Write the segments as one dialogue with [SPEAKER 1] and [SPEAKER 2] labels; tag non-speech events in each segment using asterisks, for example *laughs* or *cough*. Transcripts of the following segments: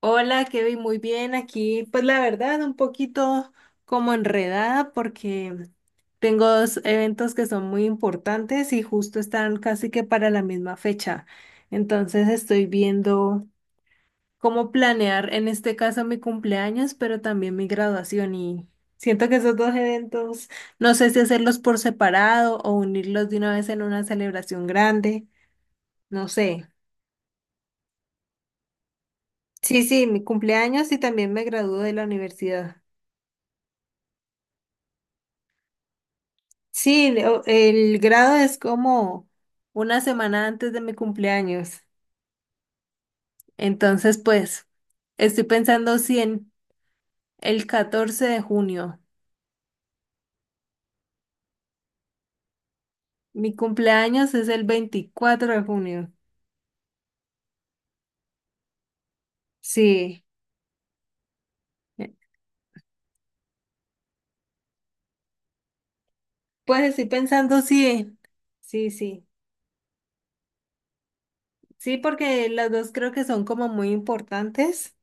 [SPEAKER 1] Hola, Kevin, muy bien. Aquí, pues la verdad, un poquito como enredada porque tengo dos eventos que son muy importantes y justo están casi que para la misma fecha. Entonces estoy viendo cómo planear en este caso mi cumpleaños, pero también mi graduación y siento que esos dos eventos, no sé si hacerlos por separado o unirlos de una vez en una celebración grande, no sé. Sí, sí, mi cumpleaños y también me gradúo de la universidad. Sí, el grado es como una semana antes de mi cumpleaños. Entonces, pues, estoy pensando si en el 14 de junio. Mi cumpleaños es el 24 de junio. Sí, eh, pues estoy pensando si, sí, sí. Sí, porque las dos creo que son como muy importantes,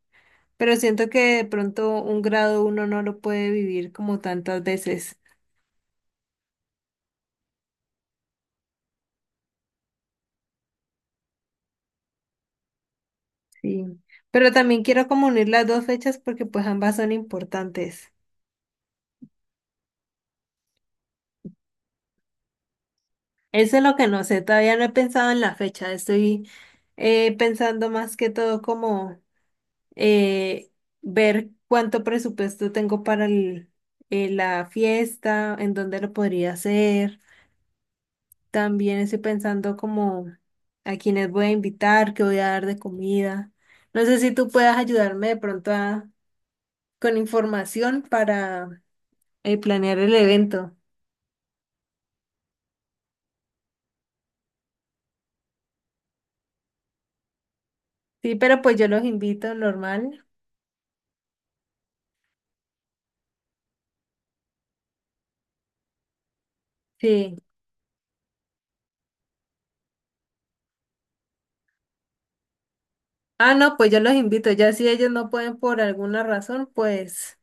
[SPEAKER 1] pero siento que de pronto un grado uno no lo puede vivir como tantas veces. Sí. Pero también quiero como unir las dos fechas porque pues ambas son importantes. Eso es lo que no sé, todavía no he pensado en la fecha, estoy pensando más que todo como eh, ver cuánto presupuesto tengo para la fiesta, en dónde lo podría hacer. También estoy pensando como a quiénes voy a invitar, qué voy a dar de comida. No sé si tú puedas ayudarme de pronto con información para planear el evento. Sí, pero pues yo los invito normal. Sí. Ah, no, pues yo los invito. Ya si ellos no pueden por alguna razón, pues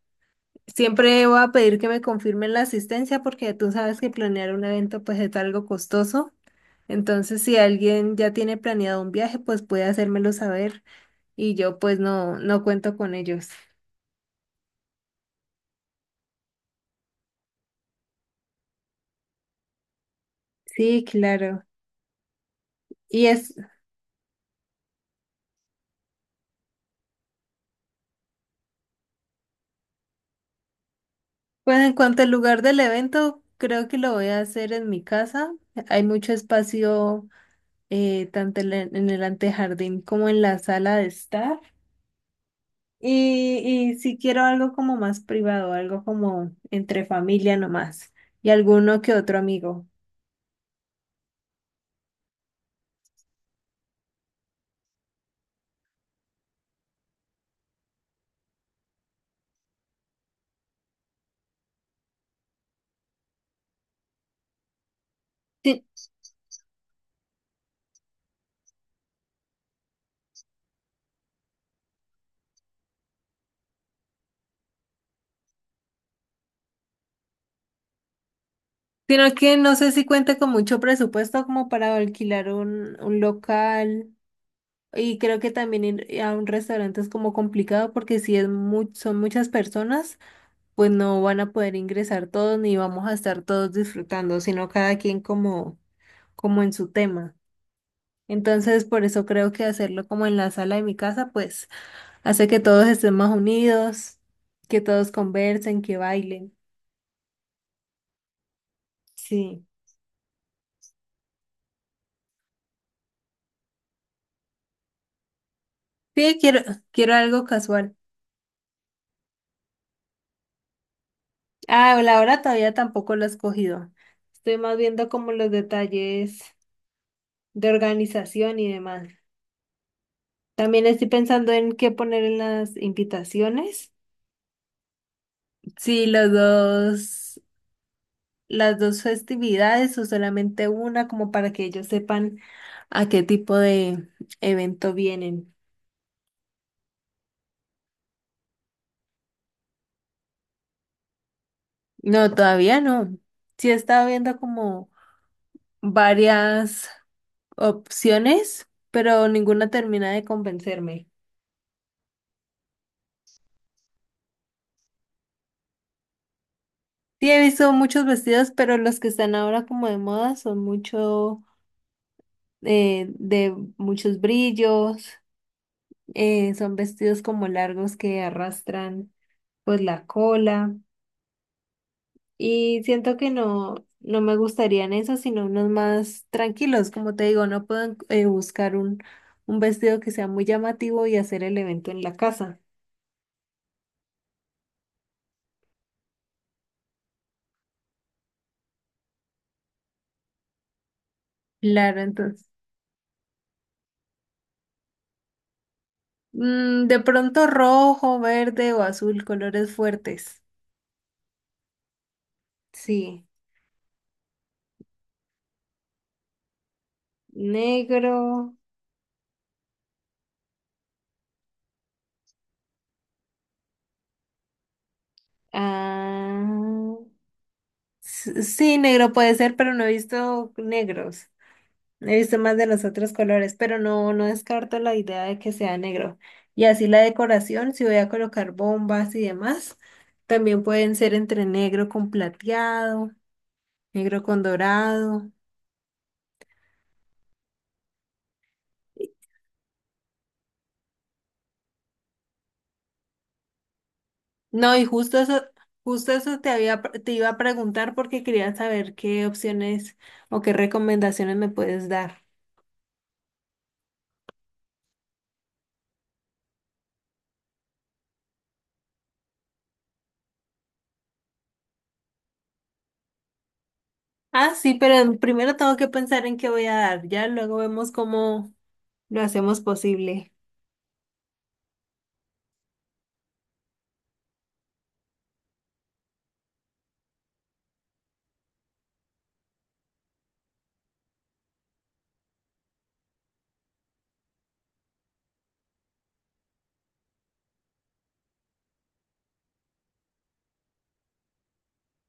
[SPEAKER 1] siempre voy a pedir que me confirmen la asistencia porque tú sabes que planear un evento pues es algo costoso. Entonces, si alguien ya tiene planeado un viaje, pues puede hacérmelo saber y yo pues no, no cuento con ellos. Sí, claro. Y es, pues en cuanto al lugar del evento, creo que lo voy a hacer en mi casa. Hay mucho espacio tanto en el antejardín como en la sala de estar. Y, y si quiero algo como más privado, algo como entre familia nomás y alguno que otro amigo. Sí, sino que no sé si cuenta con mucho presupuesto como para alquilar un local y creo que también ir a un restaurante es como complicado porque si es son muchas personas, pues no van a poder ingresar todos ni vamos a estar todos disfrutando, sino cada quien como en su tema. Entonces, por eso creo que hacerlo como en la sala de mi casa, pues hace que todos estén más unidos, que todos conversen, que bailen. Sí. Sí, quiero algo casual. Ah, la hora todavía tampoco lo he escogido. Estoy más viendo como los detalles de organización y demás. También estoy pensando en qué poner en las invitaciones. Sí, los dos, las dos festividades o solamente una, como para que ellos sepan a qué tipo de evento vienen. No, todavía no. Sí he estado viendo como varias opciones, pero ninguna termina de convencerme. Sí, he visto muchos vestidos, pero los que están ahora como de moda son mucho de muchos brillos, son vestidos como largos que arrastran pues la cola. Y siento que no, no me gustarían esos, sino unos más tranquilos. Como te digo, no puedo buscar un vestido que sea muy llamativo y hacer el evento en la casa. Claro, entonces. De pronto rojo, verde o azul, colores fuertes. Sí. Negro. Ah, sí, negro puede ser, pero no he visto negros. He visto más de los otros colores, pero no, no descarto la idea de que sea negro. Y así la decoración, si voy a colocar bombas y demás, también pueden ser entre negro con plateado, negro con dorado. No, y justo eso te iba a preguntar porque quería saber qué opciones o qué recomendaciones me puedes dar. Ah, sí, pero primero tengo que pensar en qué voy a dar. Ya luego vemos cómo lo hacemos posible.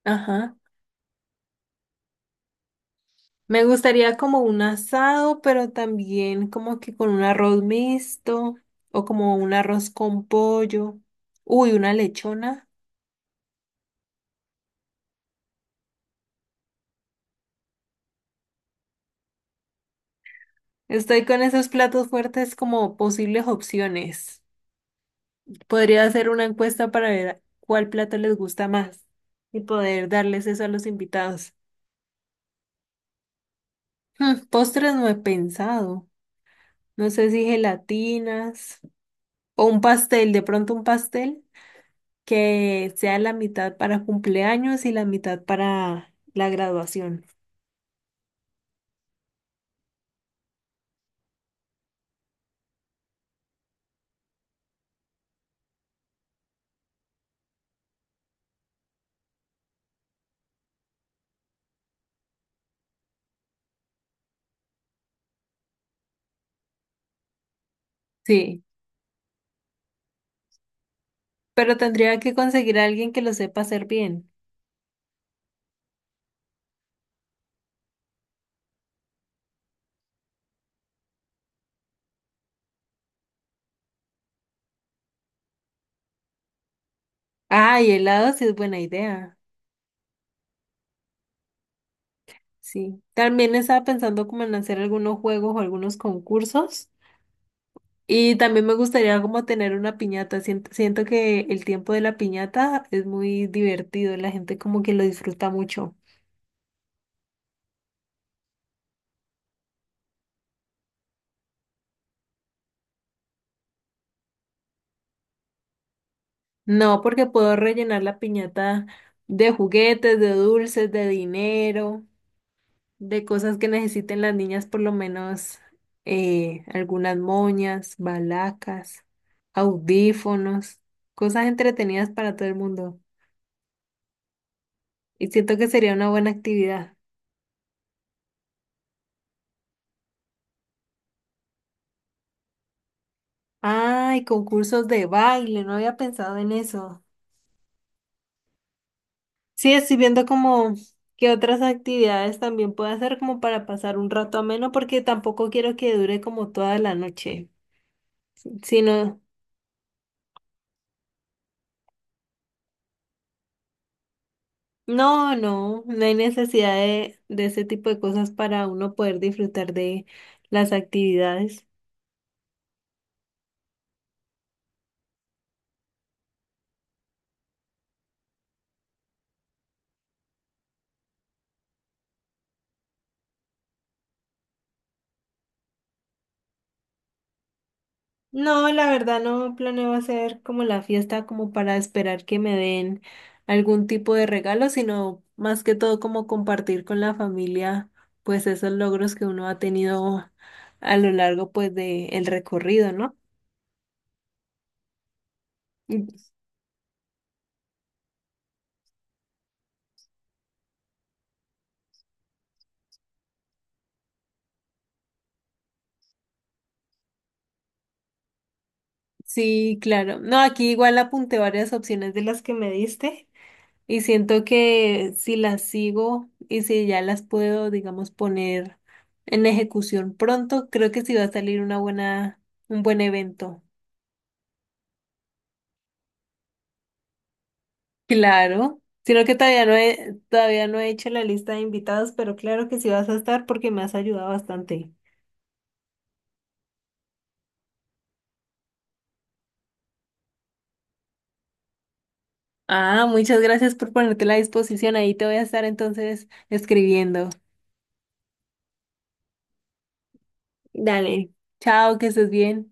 [SPEAKER 1] Ajá. Me gustaría como un asado, pero también como que con un arroz mixto o como un arroz con pollo. Uy, una lechona. Estoy con esos platos fuertes como posibles opciones. Podría hacer una encuesta para ver cuál plato les gusta más y poder darles eso a los invitados. Postres no he pensado. No sé si gelatinas o un pastel, de pronto un pastel, que sea la mitad para cumpleaños y la mitad para la graduación. Sí, pero tendría que conseguir a alguien que lo sepa hacer bien. Ah, y helado sí es buena idea. Sí, también estaba pensando como en hacer algunos juegos o algunos concursos. Y también me gustaría como tener una piñata. Siento que el tiempo de la piñata es muy divertido, la gente como que lo disfruta mucho. No, porque puedo rellenar la piñata de juguetes, de dulces, de dinero, de cosas que necesiten las niñas, por lo menos algunas moñas, balacas, audífonos, cosas entretenidas para todo el mundo. Y siento que sería una buena actividad. Ay, concursos de baile, no había pensado en eso. Sí, estoy viendo como qué otras actividades también puedo hacer como para pasar un rato ameno, porque tampoco quiero que dure como toda la noche, sino. No, no, no hay necesidad de ese tipo de cosas para uno poder disfrutar de las actividades. No, la verdad no planeo hacer como la fiesta como para esperar que me den algún tipo de regalo, sino más que todo como compartir con la familia pues esos logros que uno ha tenido a lo largo pues de el recorrido, ¿no? Mm, sí, claro. No, aquí igual apunté varias opciones de las que me diste. Y siento que si las sigo y si ya las puedo, digamos, poner en ejecución pronto, creo que sí va a salir un buen evento. *laughs* Claro, sino que todavía no he hecho la lista de invitados, pero claro que sí vas a estar porque me has ayudado bastante. Ah, muchas gracias por ponerte a la disposición. Ahí te voy a estar entonces escribiendo. Dale, chao, que estés bien.